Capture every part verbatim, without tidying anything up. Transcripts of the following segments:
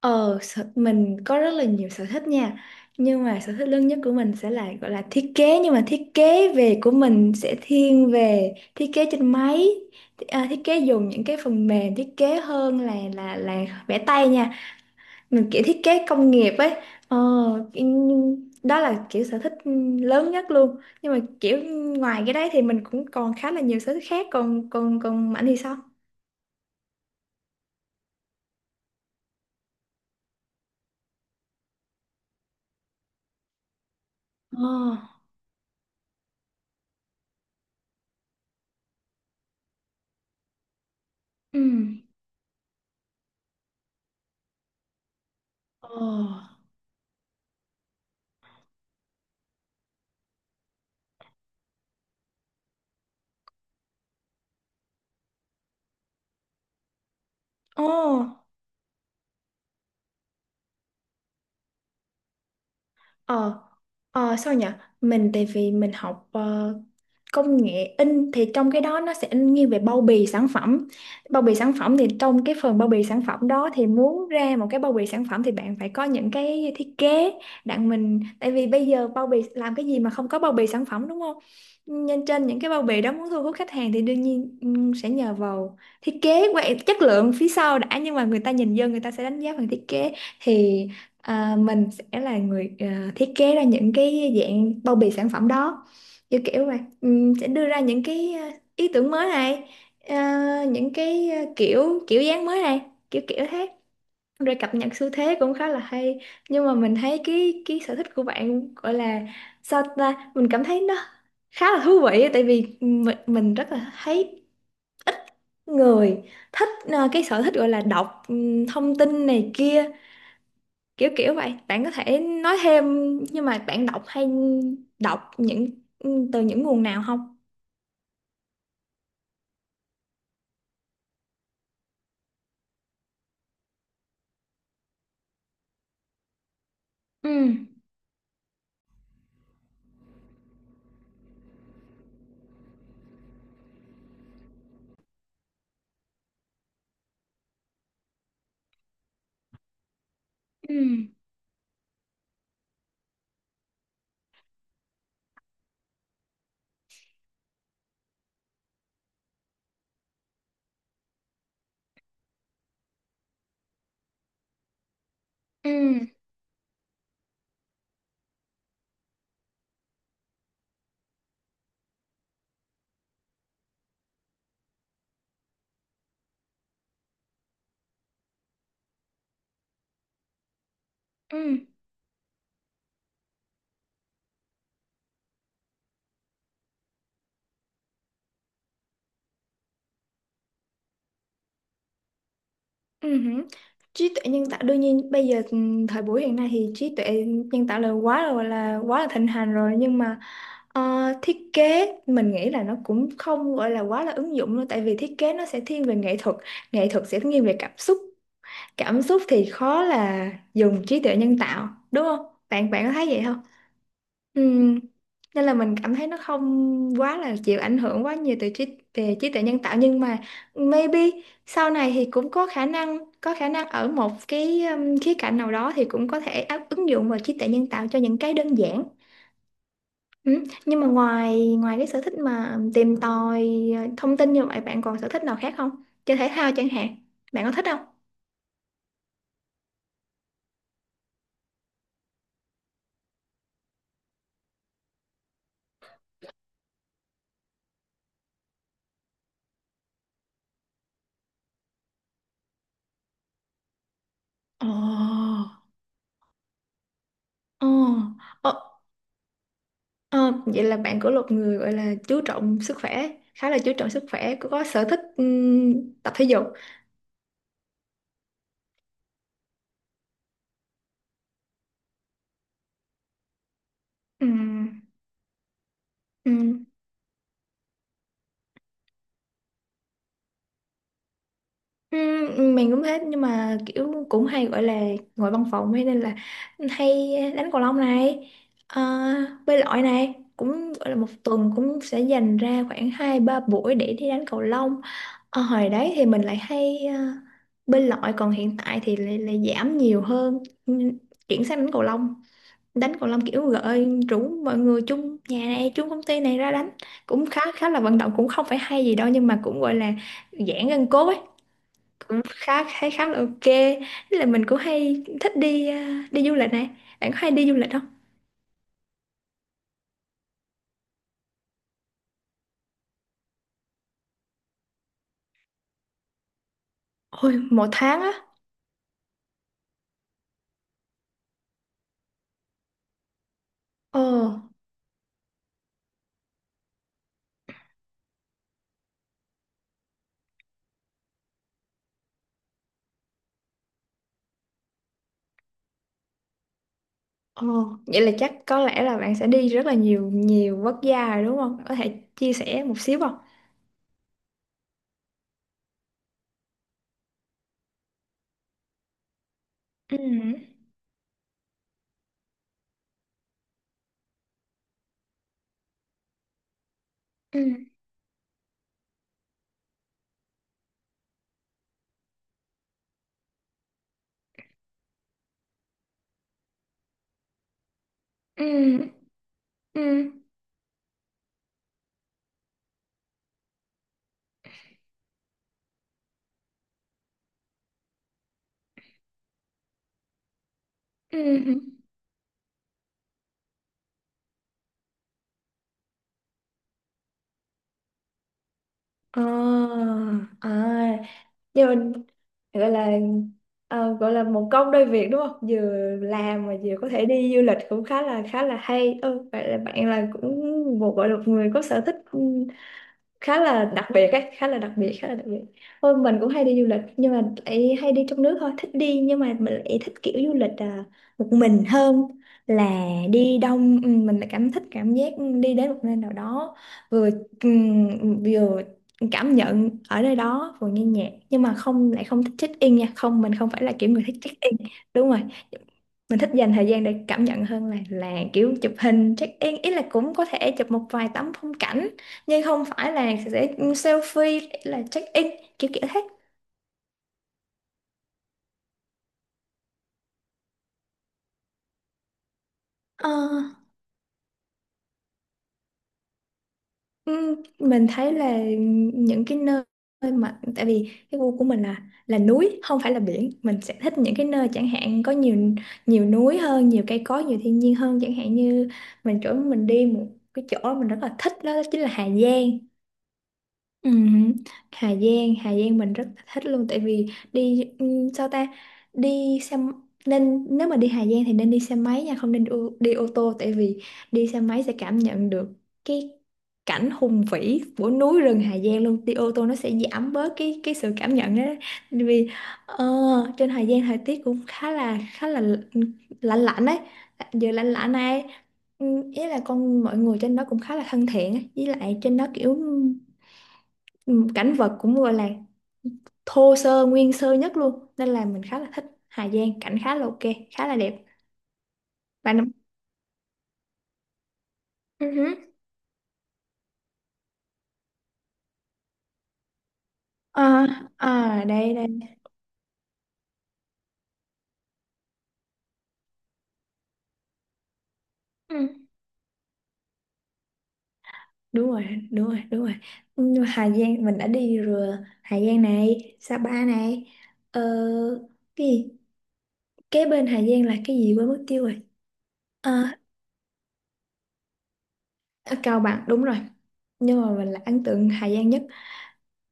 Ờ, sở, mình có rất là nhiều sở thích nha. Nhưng mà sở thích lớn nhất của mình sẽ là gọi là thiết kế. Nhưng mà thiết kế về của mình sẽ thiên về thiết kế trên máy. Th- à, Thiết kế dùng những cái phần mềm thiết kế hơn là là là vẽ tay nha. Mình kiểu thiết kế công nghiệp ấy. Ờ, in- Đó là kiểu sở thích lớn nhất luôn. Nhưng mà kiểu ngoài cái đấy thì mình cũng còn khá là nhiều sở thích khác. Còn còn còn Mạnh thì sao? Ờ, ừ. Ờ, ồ. Ờ, ờ sao nhỉ? Mình tại vì mình học ờ, công nghệ in, thì trong cái đó nó sẽ in nghiêng về bao bì sản phẩm. Bao bì sản phẩm, thì trong cái phần bao bì sản phẩm đó, thì muốn ra một cái bao bì sản phẩm thì bạn phải có những cái thiết kế. Đặng mình tại vì bây giờ bao bì làm cái gì mà không có bao bì sản phẩm, đúng không? Nên trên những cái bao bì đó muốn thu hút khách hàng thì đương nhiên ừm, sẽ nhờ vào thiết kế qua chất lượng phía sau đã, nhưng mà người ta nhìn vô người ta sẽ đánh giá bằng thiết kế. Thì à, mình sẽ là người à, thiết kế ra những cái dạng bao bì sản phẩm đó, kiểu kiểu vậy. Ừm, sẽ đưa ra những cái ờ, ý tưởng mới này, ờ, những cái ờ, kiểu kiểu dáng mới này, kiểu kiểu thế, rồi cập nhật xu thế cũng khá là hay. Nhưng mà mình thấy cái cái sở thích của bạn gọi là sao ta, mình cảm thấy nó khá là thú vị, tại vì mình, mình rất là thấy ít người thích ờ, cái sở thích gọi là đọc ừm, thông tin này kia, kiểu kiểu vậy. Bạn có thể nói thêm, nhưng mà bạn đọc hay đọc những ừ, từ những nguồn nào không? Ừ. Ừ. Ừ. Ừ. Ừ hử. Trí tuệ nhân tạo đương nhiên bây giờ, ừ, thời buổi hiện nay thì trí tuệ nhân tạo là quá rồi, là quá là thịnh hành rồi. Nhưng mà ờ, thiết kế mình nghĩ là nó cũng không gọi là quá là ứng dụng luôn, tại vì thiết kế nó sẽ thiên về nghệ thuật, nghệ thuật sẽ thiên về cảm xúc, cảm xúc thì khó là dùng trí tuệ nhân tạo đúng không? Bạn bạn có thấy vậy không? Ừm, Nên là mình cảm thấy nó không quá là chịu ảnh hưởng quá nhiều từ trí, về trí tuệ nhân tạo. Nhưng mà maybe sau này thì cũng có khả năng, có khả năng ở một cái um, khía cạnh nào đó thì cũng có thể áp, ứng dụng vào trí tuệ nhân tạo cho những cái đơn giản. Ừ. Nhưng mà ngoài ngoài cái sở thích mà tìm tòi ờ, thông tin như vậy, bạn còn sở thích nào khác không? Chơi thể thao chẳng hạn. Bạn có thích không? Ồ. Ồ, ồ. Ờ, vậy là bạn của một người gọi là chú trọng sức khỏe, khá là chú trọng sức khỏe, có, có sở thích ừm, tập thể dục. Ừm. Ừm. ừm, mình cũng thế, nhưng mà kiểu cũng hay gọi là ngồi văn phòng ấy, nên là hay đánh cầu lông này, ờ, bơi lội này, cũng gọi là một tuần cũng sẽ dành ra khoảng hai ba buổi để đi đánh cầu lông. Ờ, hồi đấy thì mình lại hay ờ, bơi lội, còn hiện tại thì lại, lại giảm nhiều hơn. Ừm, chuyển sang đánh cầu lông. Đánh cầu lông kiểu gợi rủ mọi người chung nhà này chung công ty này ra đánh, cũng khá khá là vận động, cũng không phải hay gì đâu nhưng mà cũng gọi là giãn gân cốt ấy, cũng khá khá khá là ok. Thế là mình cũng hay thích đi à, đi du lịch này, bạn có hay đi du lịch không? Ôi một tháng á. Ồ. Ồ, vậy là chắc có lẽ là bạn sẽ đi rất là nhiều nhiều quốc gia rồi đúng không, có thể chia sẻ một xíu không? Ừ. Ừ. Ừ. Ừ. Ừ. Ờ, à, nhưng mà gọi là ờ, gọi là một công đôi việc, đúng không, vừa làm mà vừa có thể đi du lịch cũng khá là khá là hay. Ừ, vậy là bạn là cũng một gọi là một người có sở thích khá là đặc biệt ấy, khá là đặc biệt, khá là đặc biệt. Thôi mình cũng hay đi du lịch nhưng mà lại hay đi trong nước thôi, thích đi nhưng mà mình lại thích kiểu du lịch à, một mình hơn là đi đông. Ừ, mình lại cảm thích cảm giác đi đến một nơi nào đó vừa ừm, vừa cảm nhận ở nơi đó, vừa nghe nhạc. Nhưng mà không, lại không thích check in nha, không, mình không phải là kiểu người thích check in. Đúng rồi, mình thích dành thời gian để cảm nhận hơn là là kiểu chụp hình check in. Ý là cũng có thể chụp một vài tấm phong cảnh, nhưng không phải là sẽ selfie là check in, kiểu kiểu thế. Ờ, ừm, mình thấy là những cái nơi mà, tại vì cái gu của mình là là núi không phải là biển, mình sẽ thích những cái nơi chẳng hạn có nhiều, nhiều núi hơn, nhiều cây cối, nhiều thiên nhiên hơn. Chẳng hạn như mình chỗ mình đi một cái chỗ mình rất là thích đó chính là Hà Giang. Ừ, Hà Giang, Hà Giang mình rất là thích luôn, tại vì đi ừm, sao ta, đi xe m- nên nếu mà đi Hà Giang thì nên đi xe máy nha, không nên đi, ô- đi ô tô, tại vì đi xe máy sẽ cảm nhận được cái cảnh hùng vĩ của núi rừng Hà Giang luôn. Đi ô tô nó sẽ giảm bớt cái cái sự cảm nhận đó. Tại vì ờ, trên Hà Giang thời tiết cũng khá là khá là lạnh lạnh ấy, giờ lạnh lạnh này. Ừ, ý là con mọi người trên đó cũng khá là thân thiện ấy, với lại trên đó kiểu ừm, cảnh vật cũng gọi là thô sơ, nguyên sơ nhất luôn, nên là mình khá là thích Hà Giang, cảnh khá là ok, khá là đẹp. Bạn đúng. Ừ hứ. À, à, đây đây. Ừ. Đúng rồi, đúng rồi, đúng rồi. Nhưng mà Hà Giang mình đã đi rồi, Hà Giang này, Sapa này, ờ, cái gì kế bên Hà Giang là cái gì quên mất tiêu rồi. Ờ, ở Cao Bằng đúng rồi, nhưng mà mình là ấn tượng Hà Giang nhất.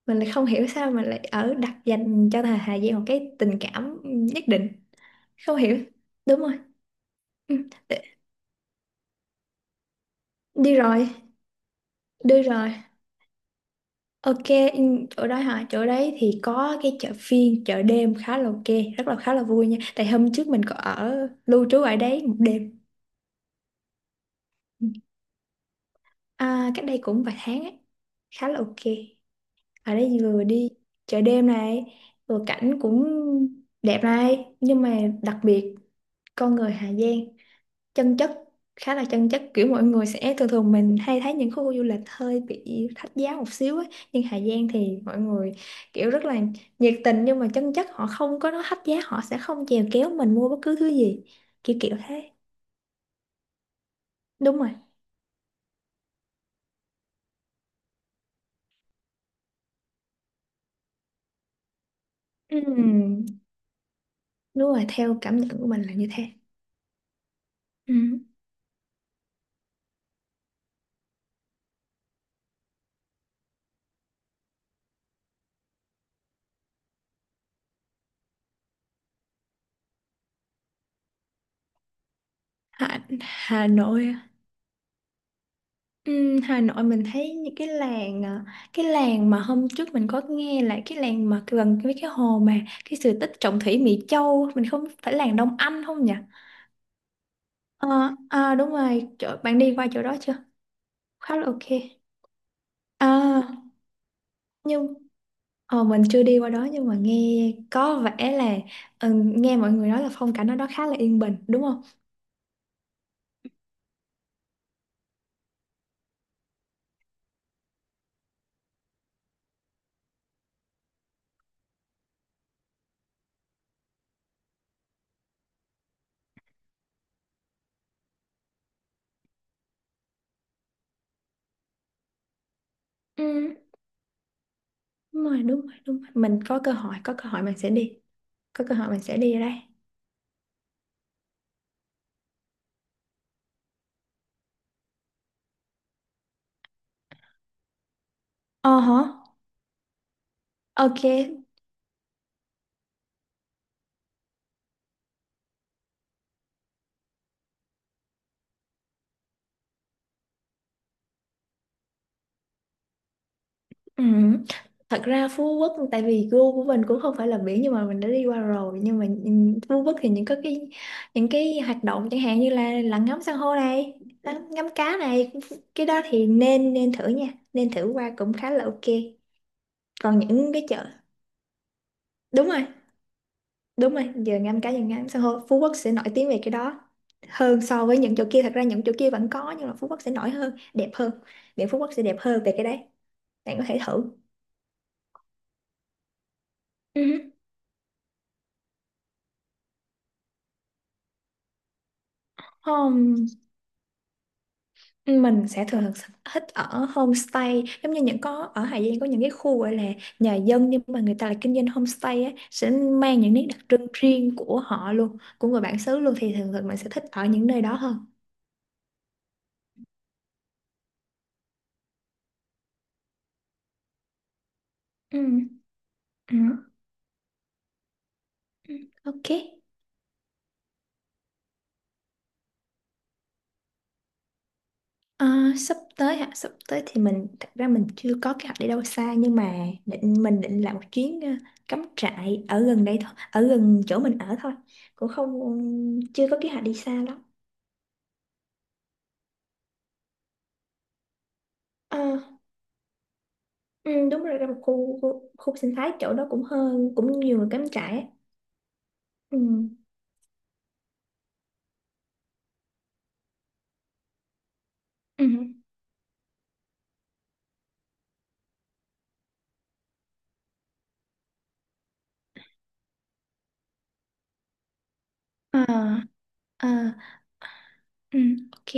Mình lại không hiểu sao mình lại ở đặt dành cho thà Hà Giang một cái tình cảm nhất định, không hiểu. Đúng rồi. Ừ, đ-, đi rồi, đi rồi. Ok. Ừ, chỗ đó hả, chỗ đấy thì có cái chợ phiên, chợ đêm khá là ok, rất là khá là vui nha, tại hôm trước mình có ở lưu trú ở đấy một đêm. Ừ. À, cách đây cũng vài tháng ấy, khá là ok. Ở đây vừa đi chợ đêm này, vừa cảnh cũng đẹp này, nhưng mà đặc biệt con người Hà Giang chân chất, khá là chân chất, kiểu mọi người sẽ thường thường mình hay thấy những khu du lịch hơi bị thách giá một xíu ấy. Nhưng Hà Giang thì mọi người kiểu rất là nhiệt tình nhưng mà chân chất, họ không có nói thách giá, họ sẽ không chèo kéo mình mua bất cứ thứ gì, kiểu kiểu thế. Đúng rồi. Ừm, đúng rồi, theo cảm nhận của mình là như thế. Ừm. Hà, Hà Nội. Ừ, Hà Nội mình thấy những cái làng à, cái làng mà hôm trước mình có nghe là cái làng mà gần với cái hồ mà cái sự tích Trọng Thủy Mỹ Châu, mình không phải làng Đông Anh không nhỉ? À, à đúng rồi, chỗ, bạn đi qua chỗ đó chưa? Khá là ok. À, nhưng ờ, mình chưa đi qua đó nhưng mà nghe có vẻ là ừ, nghe mọi người nói là phong cảnh ở đó khá là yên bình đúng không? Ừ, đúng rồi, đúng rồi, đúng rồi. Mình có cơ hội, có cơ hội mình sẽ đi. Có cơ hội mình sẽ đi ở đây. Ờ hả? Ok. Ừ. Thật ra Phú Quốc tại vì gu của mình cũng không phải là biển, nhưng mà mình đã đi qua rồi, nhưng mà nhìn Phú Quốc thì những có cái những cái hoạt động chẳng hạn như là lặn ngắm san hô này, ngắm, ngắm cá này, cái đó thì nên nên thử nha, nên thử qua cũng khá là ok. Còn những cái chợ. Đúng rồi, đúng rồi, giờ ngắm cá, giờ ngắm san hô. Phú Quốc sẽ nổi tiếng về cái đó hơn so với những chỗ kia. Thật ra những chỗ kia vẫn có nhưng mà Phú Quốc sẽ nổi hơn, đẹp hơn. Biển Phú Quốc sẽ đẹp hơn về cái đấy, bạn có thể thử. Ừ. Không, mình sẽ thường thường thích ở homestay, giống như những có ở Hà Giang có những cái khu gọi là nhà dân nhưng mà người ta lại kinh doanh homestay á, sẽ mang những nét đặc trưng riêng của họ luôn, của người bản xứ luôn, thì thường thường mình sẽ thích ở những nơi đó hơn. Ừ. Ừ. Ừ, ok. Ờ, sắp tới hả, sắp tới thì mình, thật ra mình chưa có kế hoạch đi đâu xa, nhưng mà định mình định làm một chuyến ờ, cắm trại ở gần đây thôi, ở gần chỗ mình ở thôi. Cũng không, chưa có kế hoạch đi xa lắm. Ừ, đúng rồi, ra một khu, khu, khu sinh thái, chỗ đó cũng hơn, cũng nhiều người cắm trại á. Ừ. Ừ. Ờ, ờ, ừ, ok.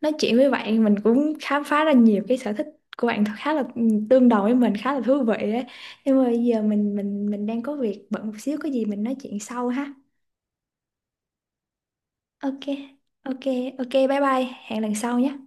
Nói chuyện với bạn mình cũng khám phá ra nhiều cái sở thích của bạn khá là ừ, tương đồng với mình, khá là thú vị ấy. Nhưng mà bây giờ mình mình mình đang có việc bận một xíu, có gì mình nói chuyện sau ha. Ok. Ok, ok, bye bye. Hẹn lần sau nhé.